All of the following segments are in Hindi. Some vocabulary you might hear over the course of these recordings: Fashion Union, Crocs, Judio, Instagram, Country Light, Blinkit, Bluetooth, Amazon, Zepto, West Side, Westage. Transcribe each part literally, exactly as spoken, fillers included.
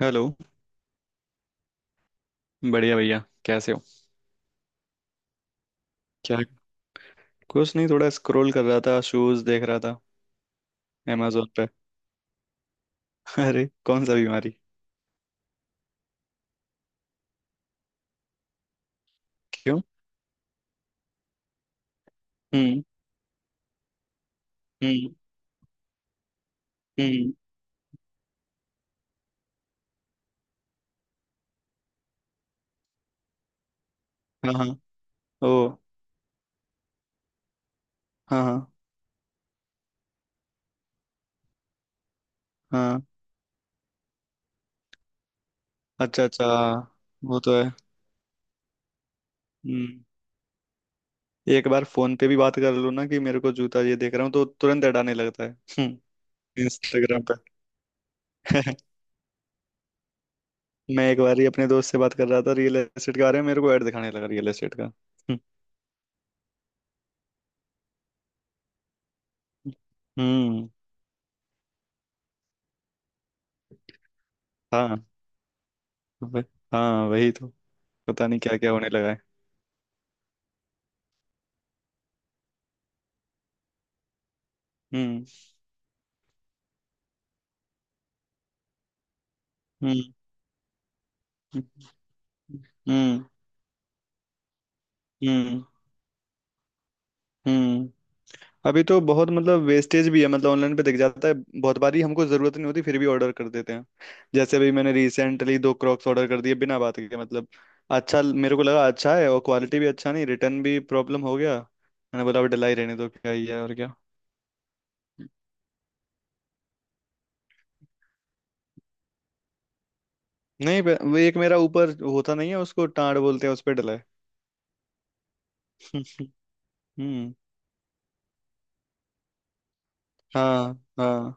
हेलो। बढ़िया भैया। कैसे हो? क्या? कुछ नहीं, थोड़ा स्क्रॉल कर रहा था, शूज देख रहा था amazon पे। अरे कौन सा बीमारी। क्यों? हम्म। हम्म। हम्म। हाँ, हाँ। ओ। हाँ, हाँ। हाँ, अच्छा अच्छा। वो तो है। हम्म। एक बार फोन पे भी बात कर लो ना कि मेरे को जूता ये देख रहा हूँ तो तुरंत हटाने लगता है। हम्म। इंस्टाग्राम पे। मैं एक बार ही अपने दोस्त से बात कर रहा था रियल एस्टेट के बारे में, मेरे को ऐड दिखाने लगा रियल एस्टेट का। हम्म। हम्म, हाँ वह- हाँ वही तो। पता नहीं क्या क्या होने लगा है। हम्म। हम्म। हम्म। हम्म। हम्म। अभी तो बहुत मतलब वेस्टेज भी है, मतलब ऑनलाइन पे दिख जाता है। बहुत बारी हमको जरूरत नहीं होती फिर भी ऑर्डर कर देते हैं। जैसे अभी मैंने रिसेंटली दो क्रॉक्स ऑर्डर कर दिए बिना बात के, मतलब अच्छा मेरे को लगा अच्छा है, और क्वालिटी भी अच्छा नहीं, रिटर्न भी प्रॉब्लम हो गया। मैंने बोला अब डलाई रहने दो, क्या ही है और क्या। नहीं बे- वो एक मेरा ऊपर होता नहीं है, उसको टाड़ बोलते हैं, उस पे डला है। हम्म। हाँ, हाँ।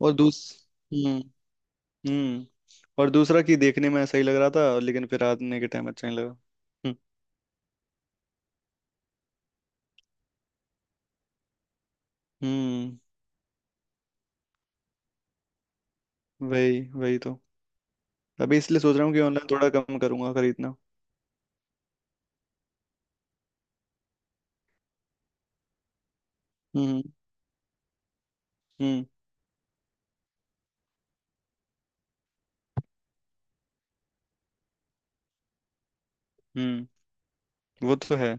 और दूस हम्म और दूसरा कि देखने में ऐसा ही लग रहा था, लेकिन फिर आने के टाइम अच्छा नहीं लगा। हम्म। हम्म। वही वही तो। अभी इसलिए सोच रहा हूँ कि ऑनलाइन थोड़ा कम करूंगा खरीदना। हम्म। हम्म। हम्म। वो तो है।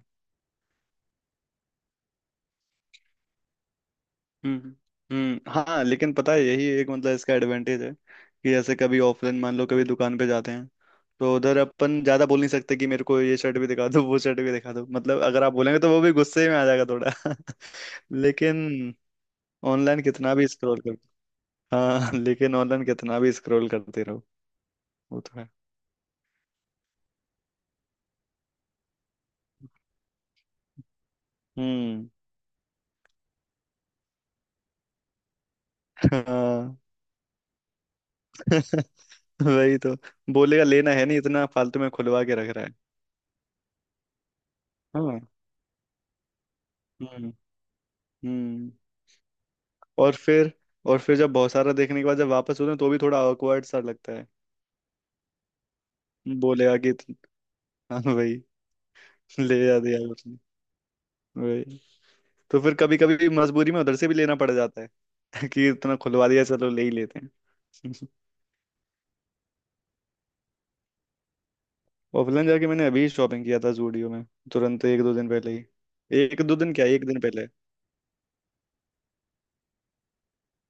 हम्म। हम्म हाँ, लेकिन पता है यही एक मतलब इसका एडवांटेज है कि जैसे कभी ऑफलाइन मान लो कभी दुकान पे जाते हैं, तो उधर अपन ज्यादा बोल नहीं सकते कि मेरे को ये शर्ट भी दिखा दो वो शर्ट भी दिखा दो, मतलब अगर आप बोलेंगे तो वो भी गुस्से में आ जाएगा थोड़ा। लेकिन ऑनलाइन कितना भी स्क्रॉल हाँ लेकिन ऑनलाइन कितना भी स्क्रॉल करते रहो। वो तो है। हम्म। हाँ। वही तो। बोलेगा लेना है नहीं, इतना फालतू में खुलवा के रख रहा है। हाँ। हम्म। हम्म। और फिर और फिर जब बहुत सारा देखने के बाद जब वापस होते हैं तो भी थोड़ा awkward सा लगता है। बोलेगा कि हाँ वही। ले जा दिया उसने। वही। तो फिर कभी कभी मजबूरी में उधर से भी लेना पड़ जाता है कि इतना खुलवा दिया, चलो ले ही लेते हैं। ऑफलाइन जाके मैंने अभी शॉपिंग किया था जूडियो में, तुरंत एक दो दिन पहले ही। एक दो दिन क्या, एक दिन पहले।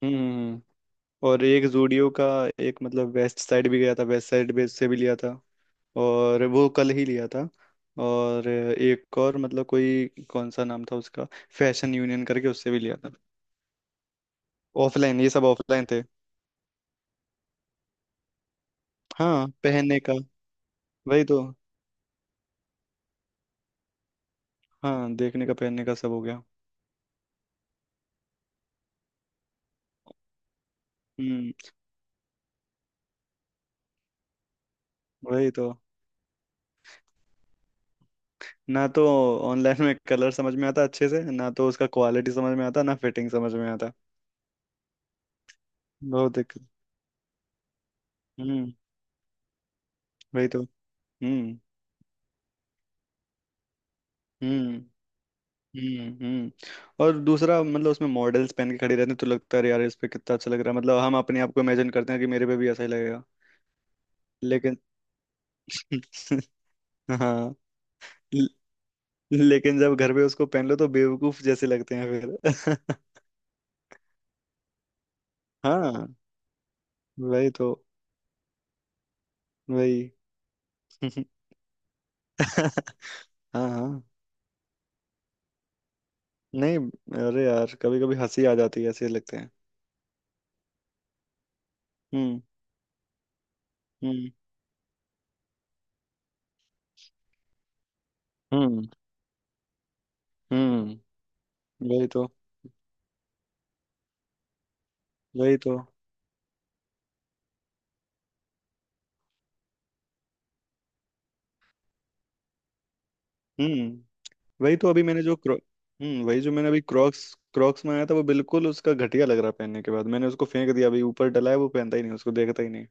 हम्म। हम्म। और एक जूडियो का, एक मतलब वेस्ट साइड भी गया था, वेस्ट साइड भी से भी लिया था, और वो कल ही लिया था। और एक और मतलब कोई कौन सा नाम था उसका, फैशन यूनियन करके, उससे भी लिया था। ऑफलाइन, ये सब ऑफलाइन थे। हाँ पहनने का, वही तो। हाँ देखने का पहनने का सब हो गया। हम्म। वही तो, ना तो ऑनलाइन में कलर समझ में आता अच्छे से, ना तो उसका क्वालिटी समझ में आता, ना फिटिंग समझ में आता। बहुत दिक्कत। हम्म। वही तो। हम्म। हम्म। हम्म, हम्म। और दूसरा मतलब उसमें मॉडल्स पहन के खड़ी रहती हैं, तो लगता है यार इस पे कितना अच्छा लग रहा है, मतलब हम अपने आप को इमेजिन करते हैं कि मेरे पे भी ऐसा ही लगेगा, लेकिन। हाँ। ल- लेकिन जब घर पे उसको पहन लो तो बेवकूफ जैसे लगते हैं फिर। हाँ, वही तो। वही। हाँ, हाँ। नहीं। अरे यार कभी कभी हंसी आ जाती है, ऐसे लगते हैं। हम्म। हम्म। हम्म, हम्म। वही तो। वही तो। हम्म। वही तो अभी मैंने जो क्रो हम्म वही जो मैंने अभी क्रॉक्स क्रॉक्स मंगाया था, वो बिल्कुल उसका घटिया लग रहा पहनने के बाद। मैंने उसको फेंक दिया, अभी ऊपर डला है, वो पहनता ही नहीं, उसको देखता ही नहीं।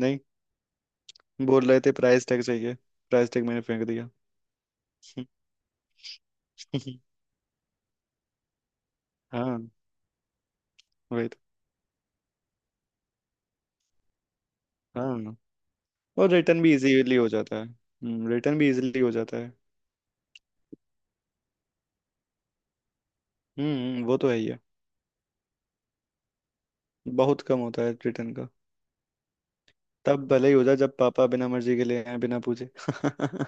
नहीं। बोल रहे थे प्राइस टैग चाहिए, प्राइस टैग मैंने फेंक दिया। हाँ। वही तो। हाँ। और रिटर्न भी इजीली हो जाता है हम्म रिटर्न भी इजीली हो जाता है हम्म। वो तो है ही है। बहुत कम होता है रिटर्न का। तब भले ही हो जाए जब पापा बिना मर्जी के ले आए बिना पूछे।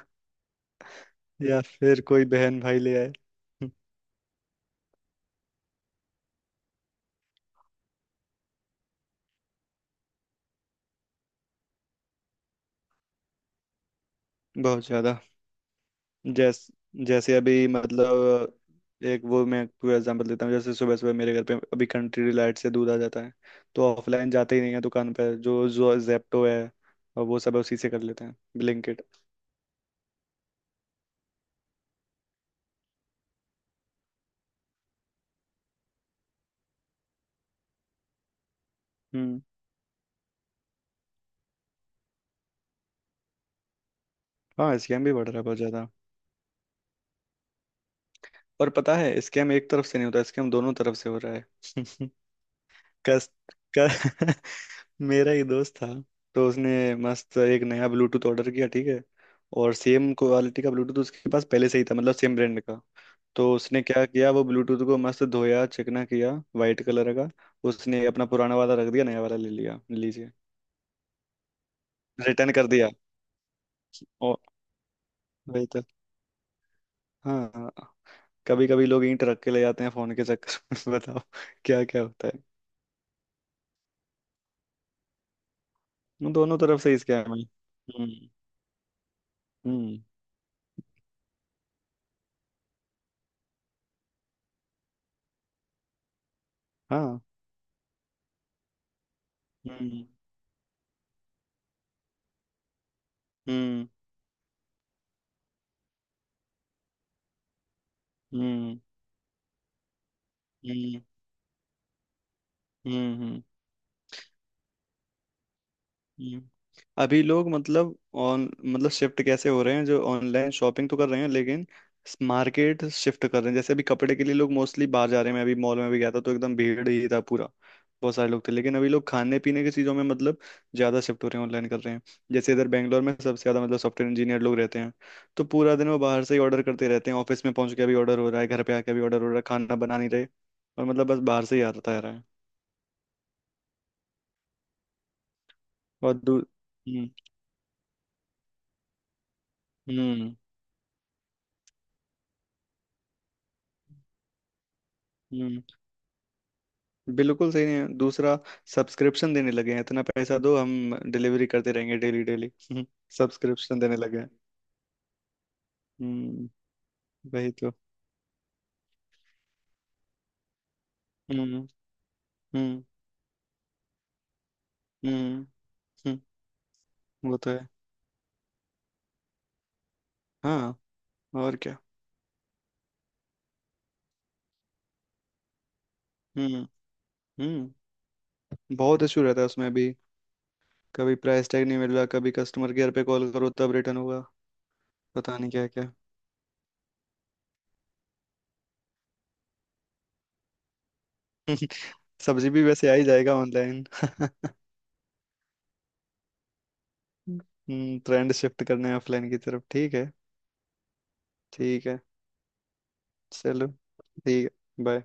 या फिर कोई बहन भाई ले आए। बहुत ज्यादा। जैस जैसे अभी मतलब, एक वो मैं पूरा एग्जांपल देता हूँ। जैसे सुबह सुबह मेरे घर पे अभी कंट्री लाइट से दूध आ जाता है, तो ऑफलाइन जाते ही नहीं है दुकान पे। जो जो जेप्टो है और वो सब उसी से कर लेते हैं, ब्लिंकिट। हम्म। हाँ, स्कैम भी बढ़ रहा है बहुत ज्यादा। और पता है स्कैम एक तरफ से नहीं होता, स्कैम दोनों तरफ से हो रहा है। कस, क- मेरा ही दोस्त था, तो उसने मस्त एक नया ब्लूटूथ ऑर्डर किया, ठीक है। और सेम क्वालिटी का ब्लूटूथ उसके पास पहले से ही था, मतलब सेम ब्रांड का। तो उसने क्या किया, वो ब्लूटूथ को मस्त धोया, चिकना किया, वाइट कलर का। उसने अपना पुराना वाला रख दिया, नया वाला ले लिया, लीजिए, रिटर्न कर दिया। और वही तो। हाँ। कभी कभी लोग ईंट रख के ले जाते हैं फोन के चक्कर में। बताओ। क्या क्या होता है दोनों तरफ से इसके हमें। हम्म। हम्म। हाँ। हम्म। हम्म। हम्म। हम्म। हम्म। हम्म। हम्म। अभी लोग मतलब ऑन मतलब शिफ्ट कैसे हो रहे हैं, जो ऑनलाइन शॉपिंग तो कर रहे हैं, लेकिन मार्केट शिफ्ट कर रहे हैं। जैसे अभी कपड़े के लिए लोग मोस्टली बाहर जा रहे हैं, मैं अभी मॉल में भी गया था तो एकदम भीड़ ही था पूरा। बहुत सारे लोग थे। लेकिन अभी लोग खाने पीने की चीज़ों में मतलब ज़्यादा शिफ्ट हो रहे हैं, ऑनलाइन कर रहे हैं। जैसे इधर बैंगलोर में सबसे ज़्यादा मतलब सॉफ्टवेयर इंजीनियर लोग रहते हैं, तो पूरा दिन वो बाहर से ही ऑर्डर करते रहते हैं। ऑफिस में पहुंच के भी ऑर्डर हो रहा है, घर पे आके भी ऑर्डर हो रहा है, खाना बना नहीं रहे और मतलब बस बाहर से ही आता रहा है। और दू हम्म। हम्म। हम्म। बिल्कुल सही नहीं है। दूसरा, सब्सक्रिप्शन देने लगे हैं, इतना पैसा दो हम डिलीवरी करते रहेंगे, डेली डेली। सब्सक्रिप्शन देने लगे हैं। हम्म। वही तो। हम्म। हम्म। हम्म। हम्म, वो तो है। हाँ, और क्या। हम्म। हम्म। बहुत इशू रहता है उसमें भी। कभी प्राइस टैग नहीं मिल रहा, कभी कस्टमर केयर पे कॉल करो तब रिटर्न होगा, पता नहीं क्या क्या। सब्जी भी वैसे आ ही जाएगा ऑनलाइन। हम्म, ट्रेंड शिफ्ट करने ऑफलाइन की तरफ, ठीक है। ठीक है। चलो। ठीक है, बाय।